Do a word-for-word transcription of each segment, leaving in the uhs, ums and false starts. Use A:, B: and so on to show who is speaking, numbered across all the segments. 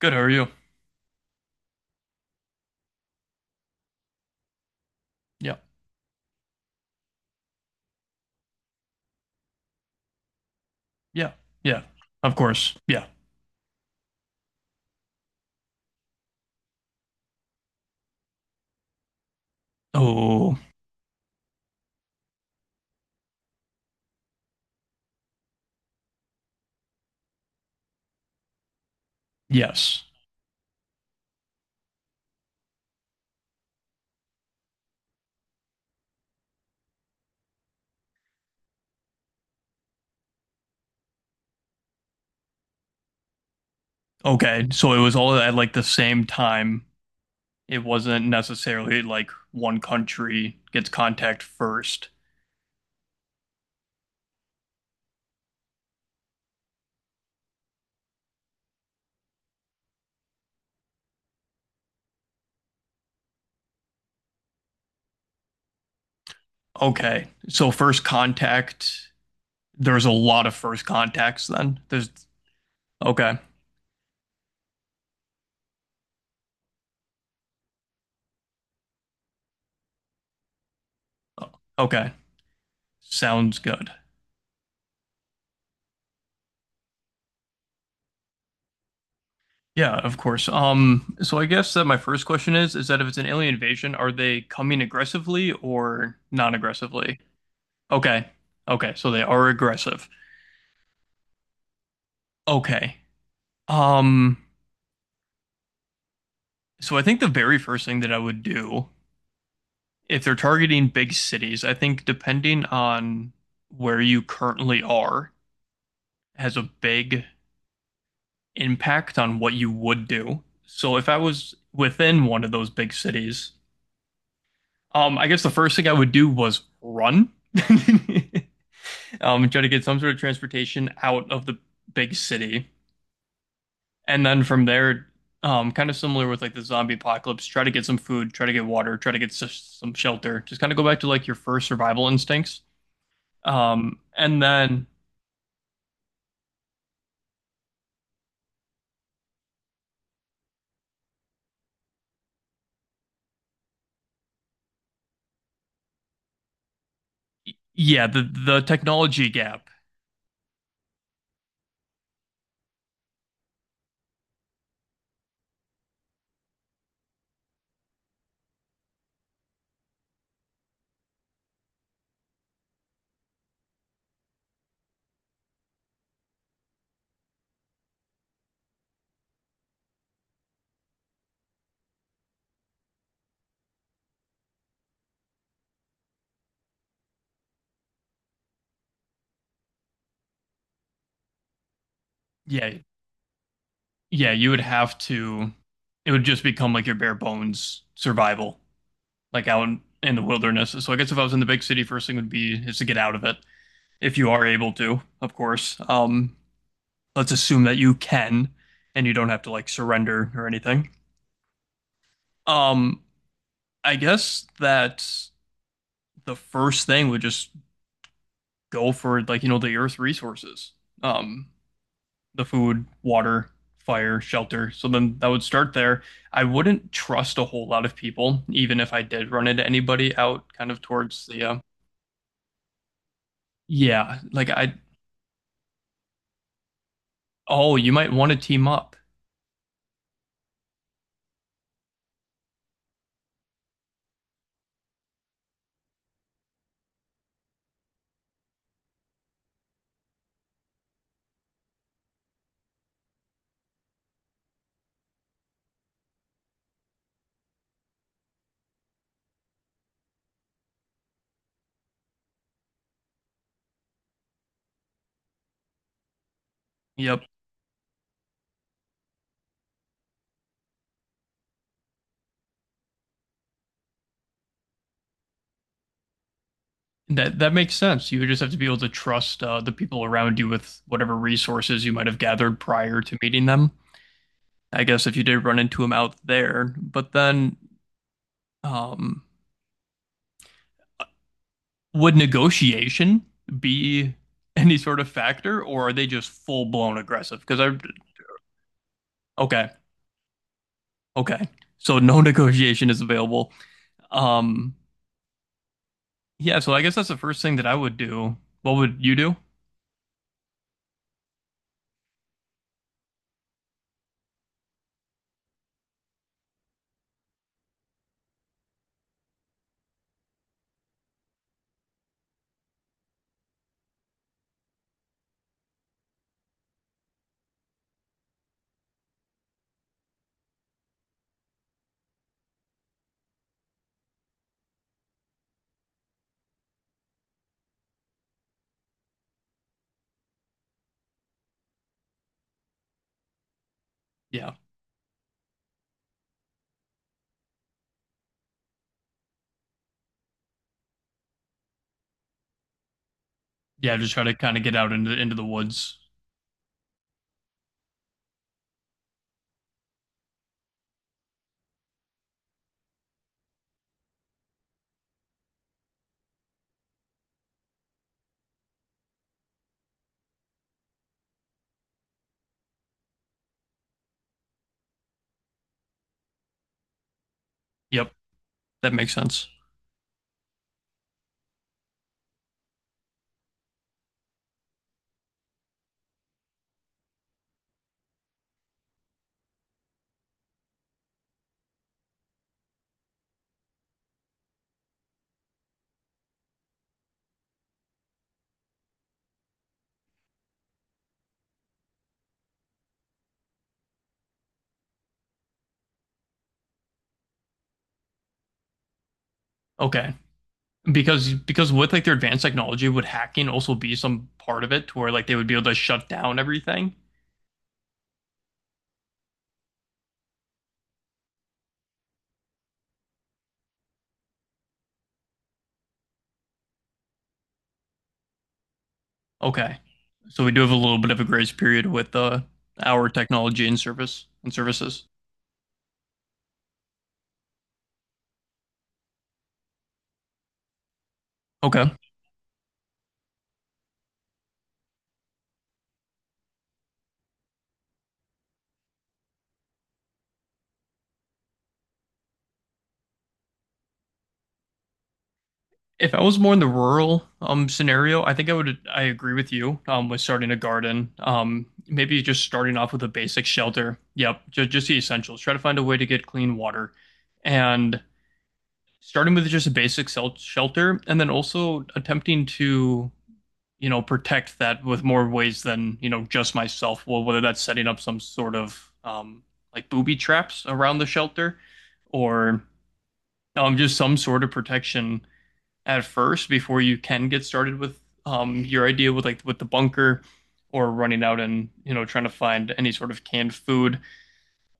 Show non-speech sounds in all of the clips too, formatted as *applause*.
A: Good. How are you? Yeah. Yeah. Yeah. Of course. Yeah. Oh, yes. Okay. So it was all at like the same time. It wasn't necessarily like one country gets contact first. Okay. So first contact, there's a lot of first contacts then. There's okay. okay. Sounds good. Yeah, of course. Um, so I guess that my first question is is that if it's an alien invasion, are they coming aggressively or non-aggressively? Okay. Okay. So they are aggressive. Okay. Um, so I think the very first thing that I would do, if they're targeting big cities, I think depending on where you currently are, has a big impact on what you would do. So if I was within one of those big cities, um, I guess the first thing I would do was run. *laughs* Um, try to get some sort of transportation out of the big city. And then from there, um, kind of similar with like the zombie apocalypse, try to get some food, try to get water, try to get s- some shelter. Just kind of go back to like your first survival instincts. Um, and then yeah, the the technology gap. Yeah, yeah, you would have to. It would just become like your bare bones survival, like out in, in the wilderness. So I guess if I was in the big city, first thing would be is to get out of it if you are able to, of course. Um, let's assume that you can, and you don't have to like surrender or anything. Um, I guess that the first thing would just go for, like, you know, the earth resources. Um, the food, water, fire, shelter. So then that would start there. I wouldn't trust a whole lot of people, even if I did run into anybody out kind of towards the uh, yeah, like I oh, you might want to team up. Yep. That that makes sense. You would just have to be able to trust uh, the people around you with whatever resources you might have gathered prior to meeting them. I guess if you did run into him out there. But then, um, would negotiation be any sort of factor, or are they just full blown aggressive? Because I, okay, okay, so no *laughs* negotiation is available. Um, yeah, so I guess that's the first thing that I would do. What would you do? Yeah, yeah, just try to kind of get out into into the woods. Yep, that makes sense. Okay, because because with like their advanced technology, would hacking also be some part of it, to where like they would be able to shut down everything? Okay. So we do have a little bit of a grace period with uh, our technology and service and services. Okay. If I was more in the rural um scenario, I think I would I agree with you um with starting a garden. Um maybe just starting off with a basic shelter. Yep, just just the essentials. Try to find a way to get clean water and starting with just a basic sel- shelter and then also attempting to, you know, protect that with more ways than, you know, just myself. Well, whether that's setting up some sort of um, like booby traps around the shelter or um, just some sort of protection at first before you can get started with, um, your idea with like with the bunker or running out and, you know, trying to find any sort of canned food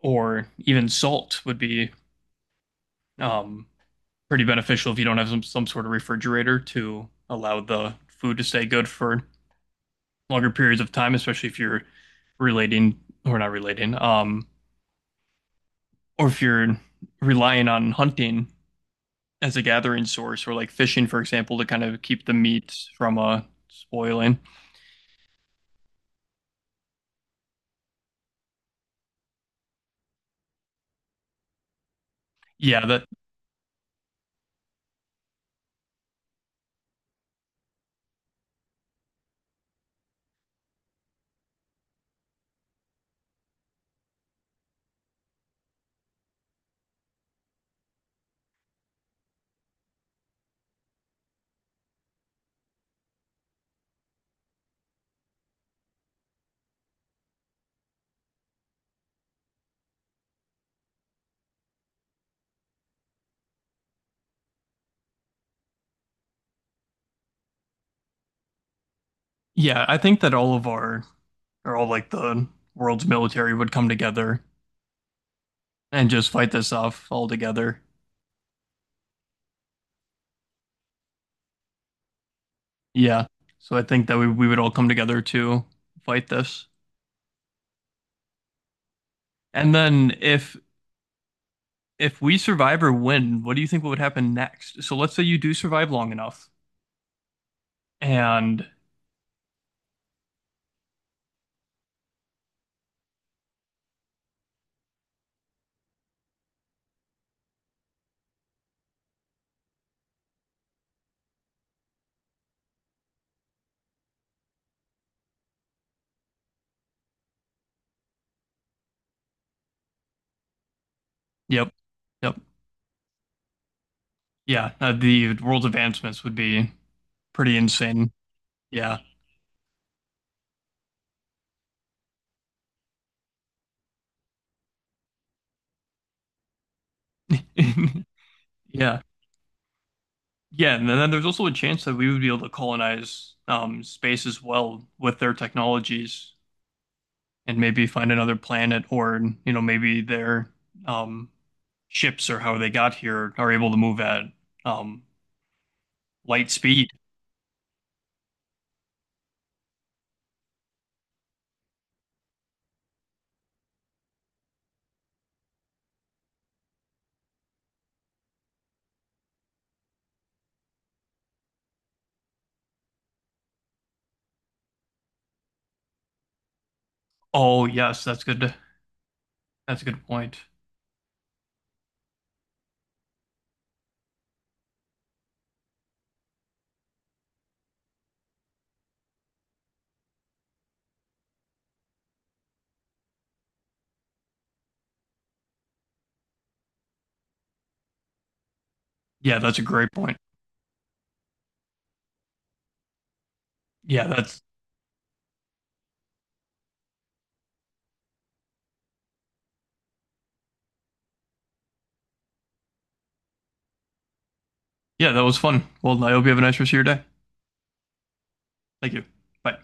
A: or even salt would be, um, pretty beneficial if you don't have some, some sort of refrigerator to allow the food to stay good for longer periods of time, especially if you're relating or not relating, um, or if you're relying on hunting as a gathering source or like fishing, for example, to kind of keep the meat from uh spoiling. Yeah, that yeah, I think that all of our or all like the world's military would come together and just fight this off all together. Yeah. So I think that we, we would all come together to fight this. And then if if we survive or win, what do you think would happen next? So let's say you do survive long enough, and yep, yep, yeah, uh, the world's advancements would be pretty insane. Yeah, *laughs* yeah, yeah, and then there's also a chance that we would be able to colonize, um, space as well with their technologies, and maybe find another planet, or you know, maybe their um, ships or how they got here are able to move at, um, light speed. Oh yes, that's good. That's a good point. Yeah, that's a great point. Yeah, that's yeah, that was fun. Well, I hope you have a nice rest of your day. Thank you. Bye.